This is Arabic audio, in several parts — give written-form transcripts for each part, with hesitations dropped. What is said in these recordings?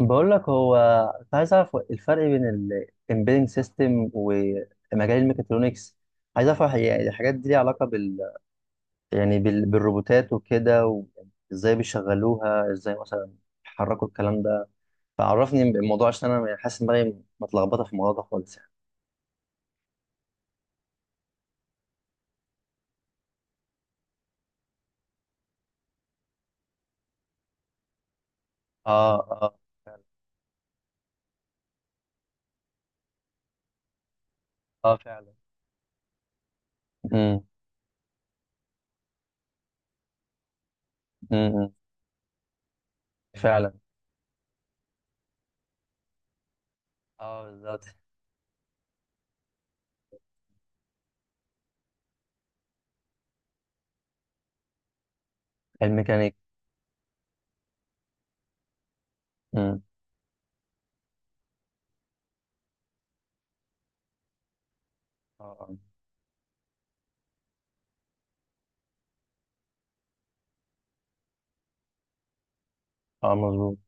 بقول لك، هو كنت عايز اعرف الفرق بين الامبيدنج سيستم ومجال الميكاترونكس. عايز اعرف، يعني الحاجات دي ليها علاقه يعني بالروبوتات وكده. وازاي بيشغلوها، ازاي مثلا بيحركوا الكلام ده؟ فعرفني الموضوع، عشان انا يعني حاسس ان دماغي متلخبطه في الموضوع ده خالص، يعني. اه، اه، فعلا. اه، فعلا. امم. امم. فعلا. اه، بالظبط. الميكانيك. امم. اه. اه. آه، مظبوط.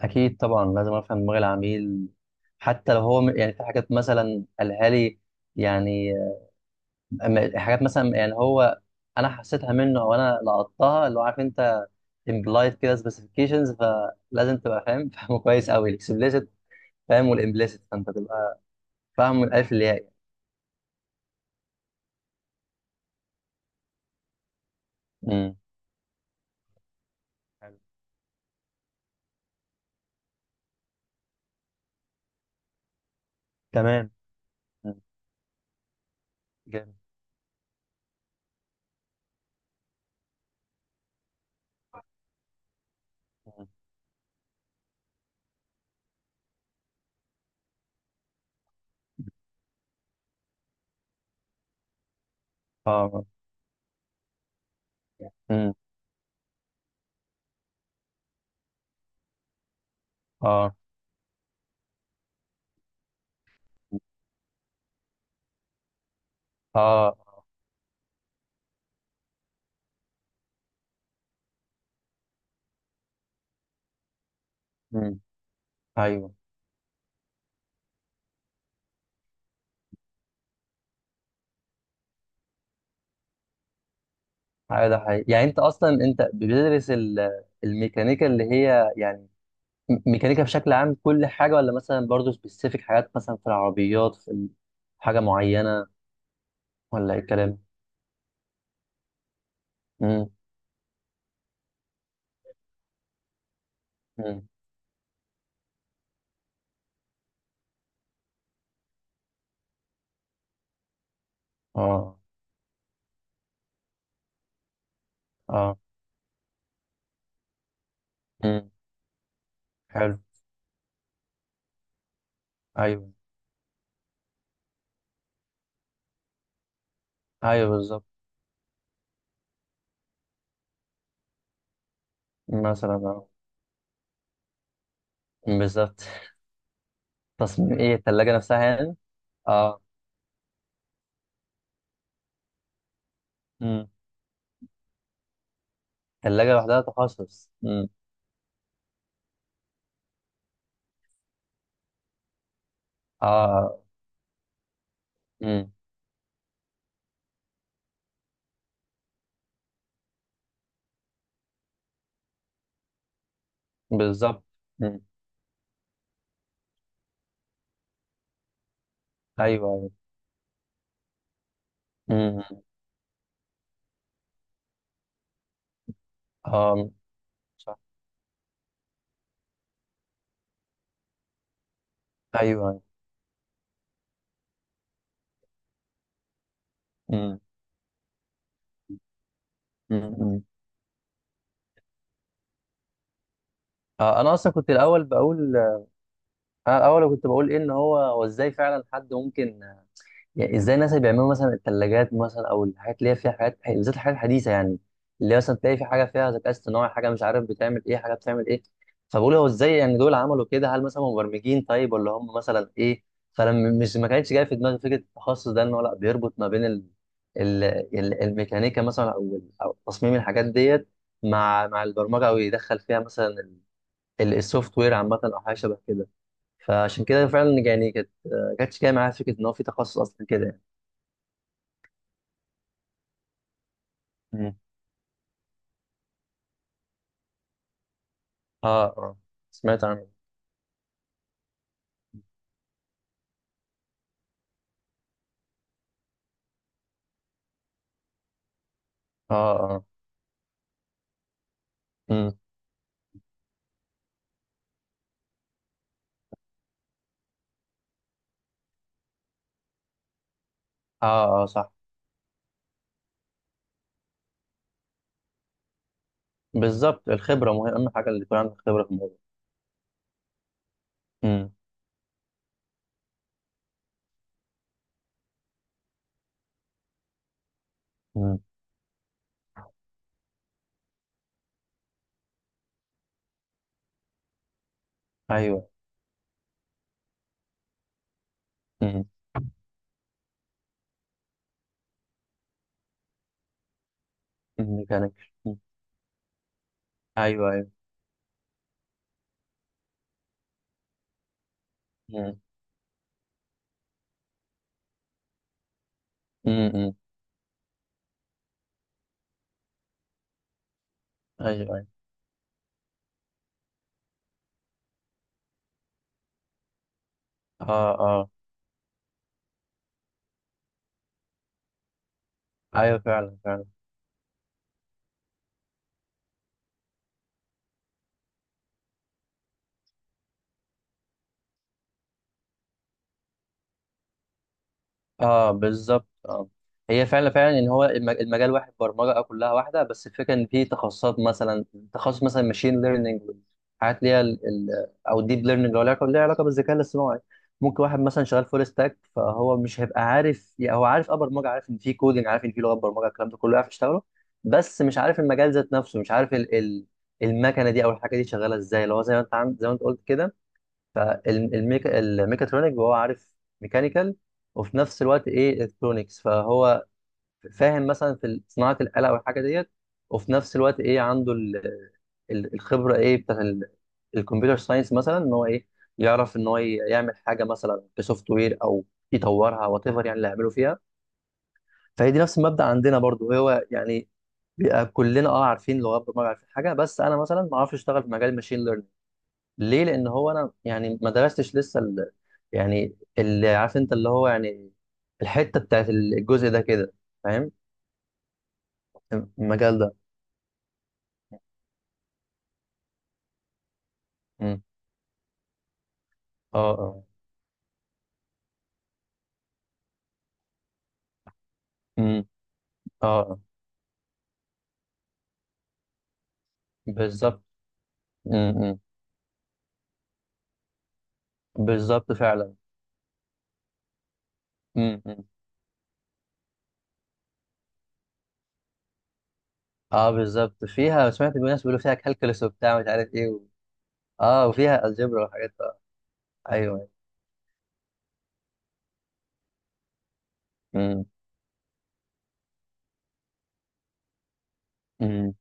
اكيد طبعا، لازم افهم دماغ العميل. حتى لو هو يعني في حاجات مثلا قالها لي، يعني. حاجات مثلا، يعني هو انا حسيتها منه او انا لقطتها، اللي هو عارف انت، امبلايد كده سبيسيفيكيشنز. فلازم تبقى فاهم فاهمه كويس قوي الاكسبليسيت، فاهم، والامبليسيت، فانت تبقى فاهم من الالف للياء. امم. حلو. تمام. مم. جامد. مم. اه. مم. اه، اه. مم. ايوه. أيوة، ده حقيقي، يعني انت اصلا انت بتدرس الميكانيكا اللي هي، يعني ميكانيكا بشكل عام، كل حاجه، ولا مثلا برضه سبيسيفيك حاجات مثلا في العربيات، في حاجه معينه، ولا ايه الكلام؟ امم. امم. اه. اه. امم. حلو. ايوه، ايوه. بالظبط. مثلا، اه، بالظبط. تصميم ايه؟ الثلاجه نفسها يعني؟ اه. امم. الثلاجه لوحدها تخصص. امم. اه. امم. بالظبط. امم. ايوه، ايوه. امم. اه، صح. ايوه، أيوه. مم. مم. مم. آه، انا الاول كنت بقول ايه، ان هو ازاي فعلا حد ممكن، يعني ازاي الناس اللي بيعملوا مثلا الثلاجات مثلا او الحاجات، اللي هي فيها حاجات بالذات الحاجات الحديثه، يعني، اللي هي مثلا تلاقي في حاجه فيها ذكاء اصطناعي، حاجه مش عارف بتعمل ايه، حاجه بتعمل ايه. فبقول هو ازاي، يعني دول عملوا كده؟ هل مثلا مبرمجين، طيب، ولا هم مثلا ايه؟ فانا مش، ما كانتش جايه في دماغي فكره التخصص ده، ان هو لا بيربط ما بين ال... الميكانيكا مثلا، أو تصميم الحاجات ديت، مع البرمجه، او يدخل فيها مثلا السوفت وير عامه، او حاجه شبه كده. فعشان كده فعلا، يعني كانتش جايه معايا فكره ان هو في تخصص اصلا كده، يعني. مم. اه، اه، سمعت عنه. اه، اه. مم. اه، اه، صح. بالظبط، الخبره مهم، اهم حاجه اللي يكون عندك خبره في الموضوع. مم. مم. ايوه. مم. ميكانيك. مم. ايوه، ايوه. مم. مم. مم. ايوه، ايوه. اه، اه. ايوه، فعلا، فعلا. اه، بالظبط. اه. هي فعلا فعلا، ان هو المجال واحد، برمجه، كلها واحده، بس الفكره ان في تخصصات، مثلا تخصص مثلا ماشين ليرنينج، حاجات ليها او ديب ليرنينج، اللي هو ليها علاقه بالذكاء الاصطناعي. ممكن واحد مثلا شغال فول ستاك، فهو مش هيبقى عارف، يعني هو عارف برمجه، عارف ان في كودنج، عارف ان في لغه برمجه، الكلام ده كله عارف يشتغله. بس مش عارف المجال ذات نفسه، مش عارف ال ال المكنه دي او الحاجه دي شغاله ازاي، اللي هو زي ما انت قلت كده. فالميكاترونيك هو عارف ميكانيكال، وفي نفس الوقت ايه الكترونكس، فهو فاهم مثلا في صناعه الاله والحاجه ديت، وفي نفس الوقت ايه عنده الخبره، ايه، بتاع الكمبيوتر ساينس مثلا، ان هو ايه، يعرف ان هو يعمل حاجه مثلا كسوفت وير، او يطورها وات ايفر، يعني اللي هيعمله فيها. فهي دي نفس المبدا عندنا برضو، هو يعني بيبقى كلنا عارفين لغات برمجه، عارفين حاجه، بس انا مثلا ما اعرفش اشتغل في مجال الماشين. ليه؟ لان هو انا يعني ما درستش لسه يعني اللي عارف انت، اللي هو يعني الحته بتاعت الجزء ده كده، فاهم. المجال ده. امم. اه، اه. امم. اه، آه. بالظبط. امم. بالظبط، فعلا. امم. اه، بالظبط. فيها، سمعت الناس بيقولوا فيها كالكولس وبتاع مش عارف ايه اه، وفيها الجبر وحاجات. آه. ايوه. امم. امم.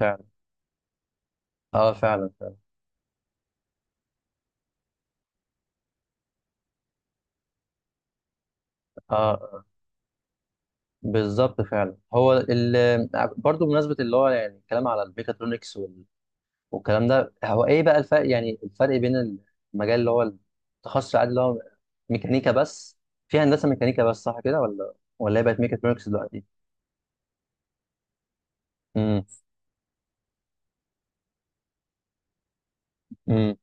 فعلا. اه، فعلا، فعلا. اه، آه. بالظبط، فعلا. هو برضه، بمناسبه اللي هو يعني الكلام على الميكاترونكس والكلام ده، هو ايه بقى الفرق، يعني الفرق بين المجال اللي هو التخصص العادي، اللي هو ميكانيكا بس، في هندسه ميكانيكا بس، صح كده ولا هي بقت ميكاترونكس دلوقتي؟ امم. امم.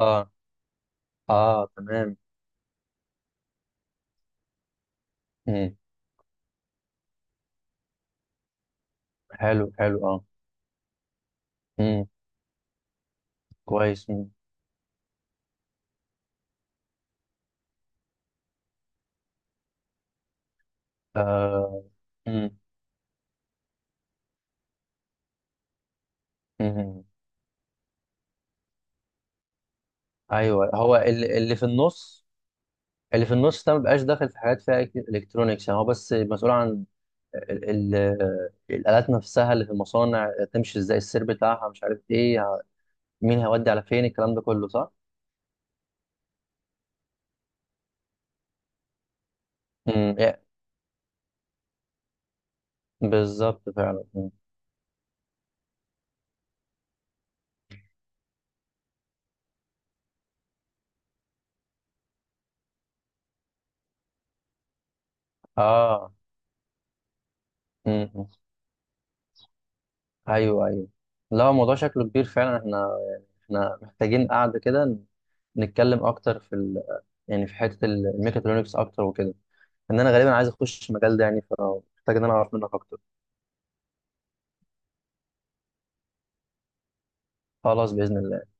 اه. اه، تمام. امم. حلو، حلو. اه. امم. كويس. امم. آه. امم. امم. ايوه، هو اللي في النص، اللي في النص ده ما بقاش داخل في حاجات فيها الكترونكس، يعني هو بس مسؤول عن ال ال الالات نفسها اللي في المصانع، تمشي ازاي؟ السير بتاعها، مش عارف ايه، مين هيودي على فين الكلام ده كله؟ صح؟ امم. إيه، بالظبط، فعلا. مم. اه. امم. ايوه، ايوه. لا، هو الموضوع شكله كبير فعلا. احنا محتاجين قعده كده، نتكلم اكتر في يعني في حته الميكاترونكس اكتر وكده، ان انا غالبا عايز اخش المجال ده، يعني فمحتاج ان انا اعرف منك اكتر. خلاص، باذن الله.